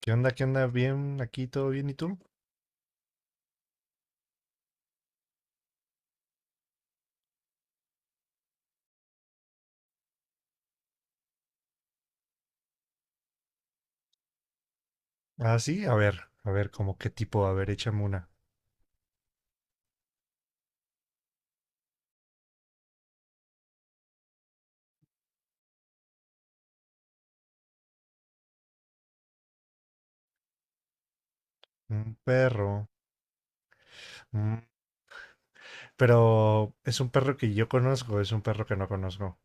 ¿Qué onda? ¿Qué onda? ¿Bien? ¿Aquí todo bien? ¿Y tú? Ah, sí, a ver, como qué tipo, a ver, échame una. Un perro. mm, Pero es un perro que yo conozco, es un perro que no conozco.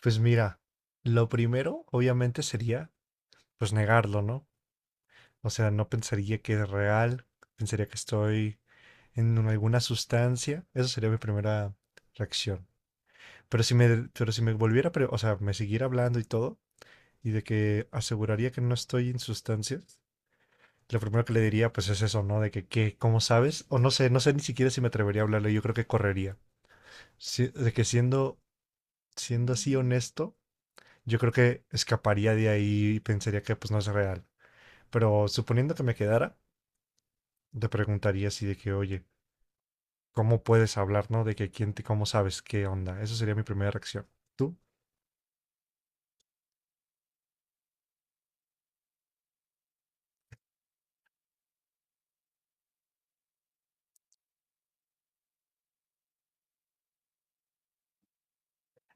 Pues mira, lo primero, obviamente, sería, pues negarlo, ¿no? O sea, no pensaría que es real, pensaría que estoy alguna sustancia. Eso sería mi primera reacción. Pero pero si me volviera, o sea, me siguiera hablando y todo, y de que aseguraría que no estoy en sustancias. Lo primero que le diría pues es eso, ¿no? De que, qué, ¿cómo sabes? O no sé, no sé ni siquiera si me atrevería a hablarle, yo creo que correría. De que siendo, siendo así honesto, yo creo que escaparía de ahí y pensaría que pues no es real. Pero suponiendo que me quedara, te preguntaría así de que, oye, ¿cómo puedes hablar, no? De que quién te, cómo sabes qué onda. Esa sería mi primera reacción. ¿Tú?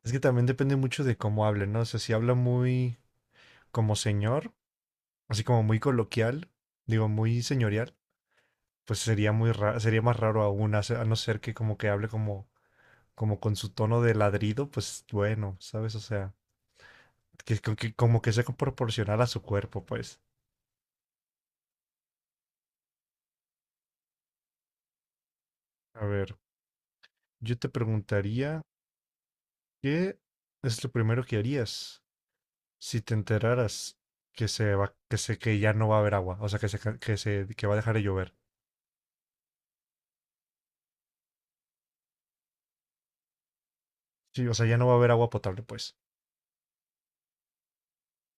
Es que también depende mucho de cómo hable, ¿no? O sea, si habla muy como señor, así como muy coloquial, digo, muy señorial. Pues sería muy raro, sería más raro aún, a no ser que como que hable como, como con su tono de ladrido, pues bueno, ¿sabes? O sea, que, que como que sea proporcional a su cuerpo, pues. A ver, yo te preguntaría, ¿qué es lo primero que harías si te enteraras que se va, que se, que ya no va a haber agua? O sea, que se, que se, que va a dejar de llover. Sí, o sea, ya no va a haber agua potable, pues.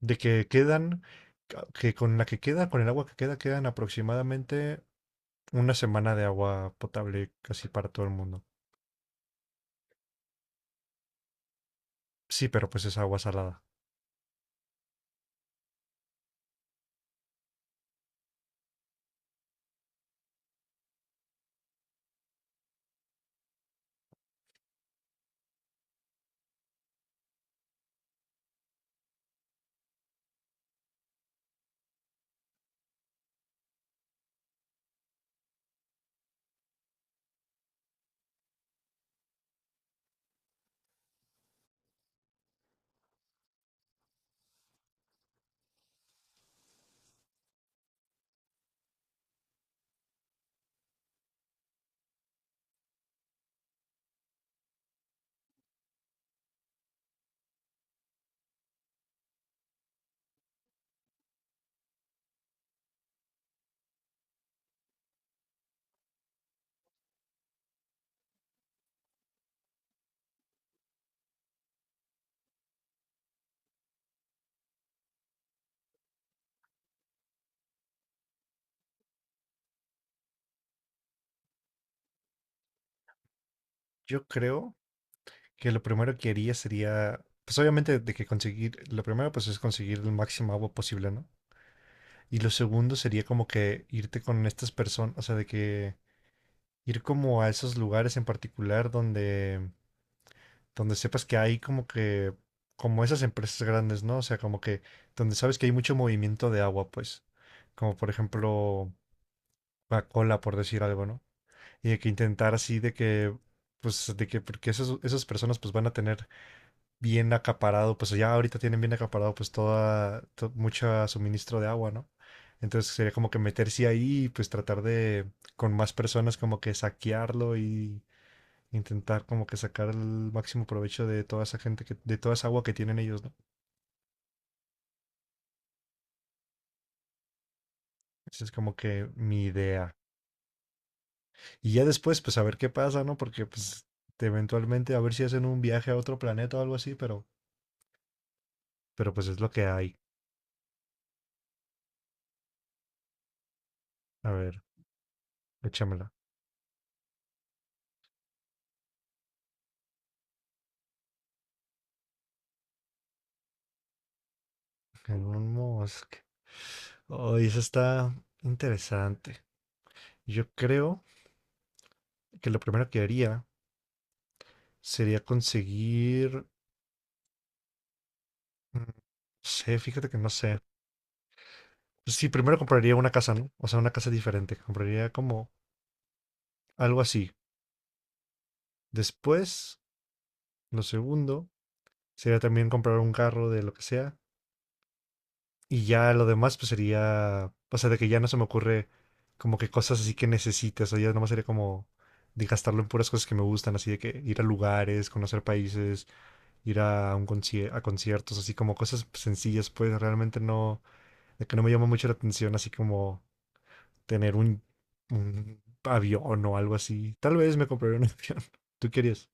De que quedan, que con la que queda, con el agua que queda, quedan aproximadamente una semana de agua potable casi para todo el mundo. Sí, pero pues es agua salada. Yo creo que lo primero que haría sería, pues obviamente de que conseguir, lo primero pues es conseguir el máximo agua posible, ¿no? Y lo segundo sería como que irte con estas personas, o sea, de que ir como a esos lugares en particular donde, donde sepas que hay como que, como esas empresas grandes, ¿no? O sea, como que donde sabes que hay mucho movimiento de agua, pues, como por ejemplo Coca-Cola, por decir algo, ¿no? Y de que intentar así de que, pues, de que, porque esas, esas personas pues van a tener bien acaparado, pues ya ahorita tienen bien acaparado pues toda, mucho suministro de agua, ¿no? Entonces sería como que meterse ahí y pues tratar de con más personas como que saquearlo y intentar como que sacar el máximo provecho de toda esa gente que, de toda esa agua que tienen ellos, ¿no? Esa es como que mi idea. Y ya después, pues a ver qué pasa, ¿no? Porque pues eventualmente a ver si hacen un viaje a otro planeta o algo así, pero pues es lo que hay. A ver, échamela. Elon Musk. Oh, eso está interesante. Yo creo que lo primero que haría sería conseguir. No sé, fíjate que no sé. Pues sí, primero compraría una casa, ¿no? O sea, una casa diferente. Compraría como algo así. Después, lo segundo, sería también comprar un carro de lo que sea. Y ya lo demás, pues sería, o sea, de que ya no se me ocurre como que cosas así que necesites, o ya nomás sería como de gastarlo en puras cosas que me gustan, así de que ir a lugares, conocer países, ir a a conciertos, así como cosas sencillas, pues realmente no, de que no me llama mucho la atención, así como tener un avión o algo así. Tal vez me compraré un avión. ¿Tú querías?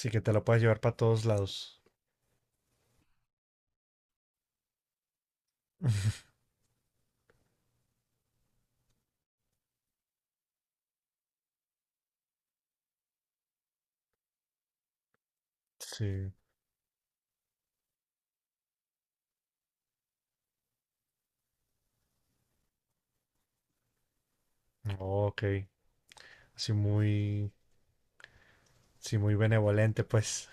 Sí, que te la puedas llevar para todos lados. Sí. Oh, ok. Así muy... Sí, muy benevolente, pues.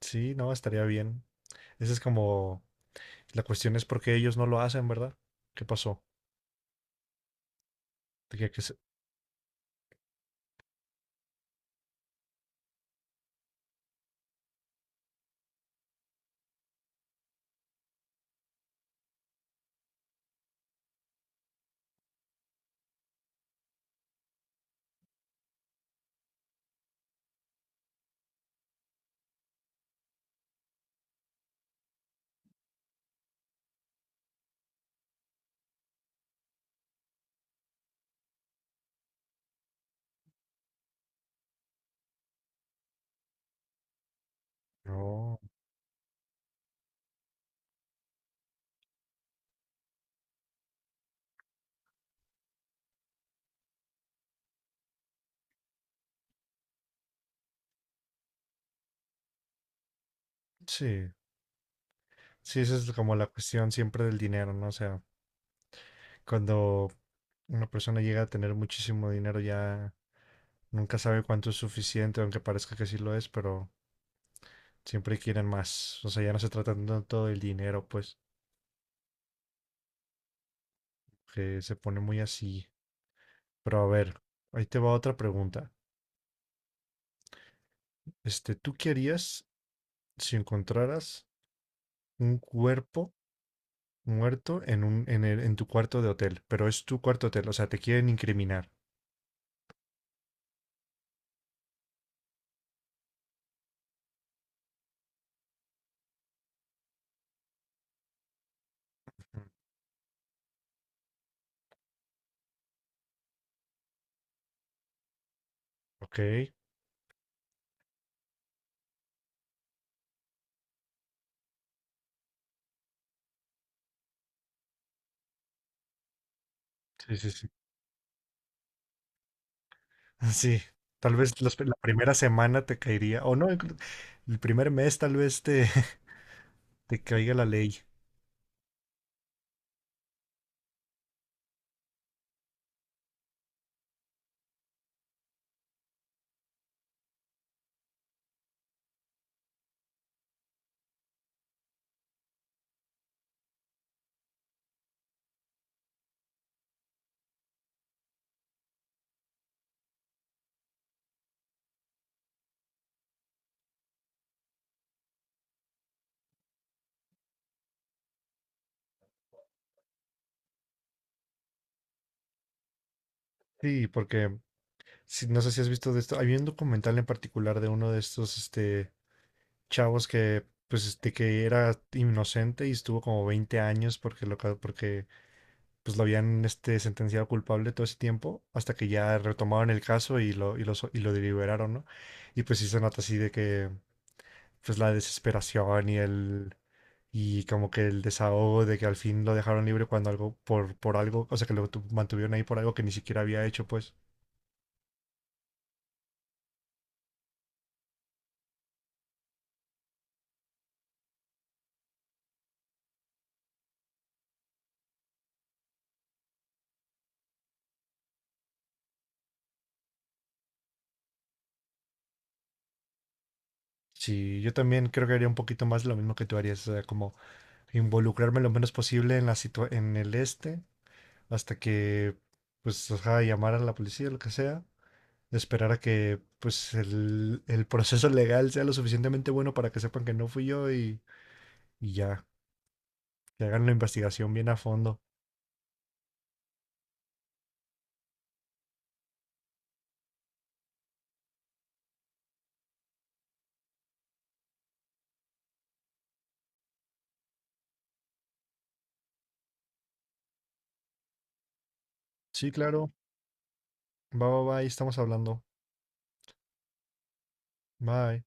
Sí, no, estaría bien. Esa es como... La cuestión es por qué ellos no lo hacen, ¿verdad? ¿Qué pasó? Tenía que ser... No, sí. Sí, esa es como la cuestión siempre del dinero, ¿no? O sea, cuando una persona llega a tener muchísimo dinero ya nunca sabe cuánto es suficiente, aunque parezca que sí lo es, pero siempre quieren más. O sea, ya no se trata tanto del dinero, pues, que se pone muy así. Pero a ver, ahí te va otra pregunta. Este, ¿tú qué harías si encontraras un cuerpo muerto en un, en tu cuarto de hotel, pero es tu cuarto hotel, o sea, te quieren incriminar. Mm, ok, sí, sí, sí. Sí, tal vez la primera semana te caería, o no, el primer mes tal vez te, te caiga la ley. Sí, porque si, no sé si has visto de esto, había un documental en particular de uno de estos, este, chavos que, pues, este, que era inocente y estuvo como 20 años porque porque pues lo habían este, sentenciado culpable todo ese tiempo, hasta que ya retomaron el caso y lo, y lo, y lo deliberaron, ¿no? Y pues sí se nota así de que, pues la desesperación y el, y como que el desahogo de que al fin lo dejaron libre cuando algo, por algo, o sea, que mantuvieron ahí por algo que ni siquiera había hecho, pues. Sí, yo también creo que haría un poquito más lo mismo que tú harías, o sea, como involucrarme lo menos posible en la en el este, hasta que, pues, ajá, llamar a la policía, lo que sea, esperar a que pues el proceso legal sea lo suficientemente bueno para que sepan que no fui yo y ya, que hagan la investigación bien a fondo. Sí, claro. Va, va, va, ahí estamos hablando. Bye.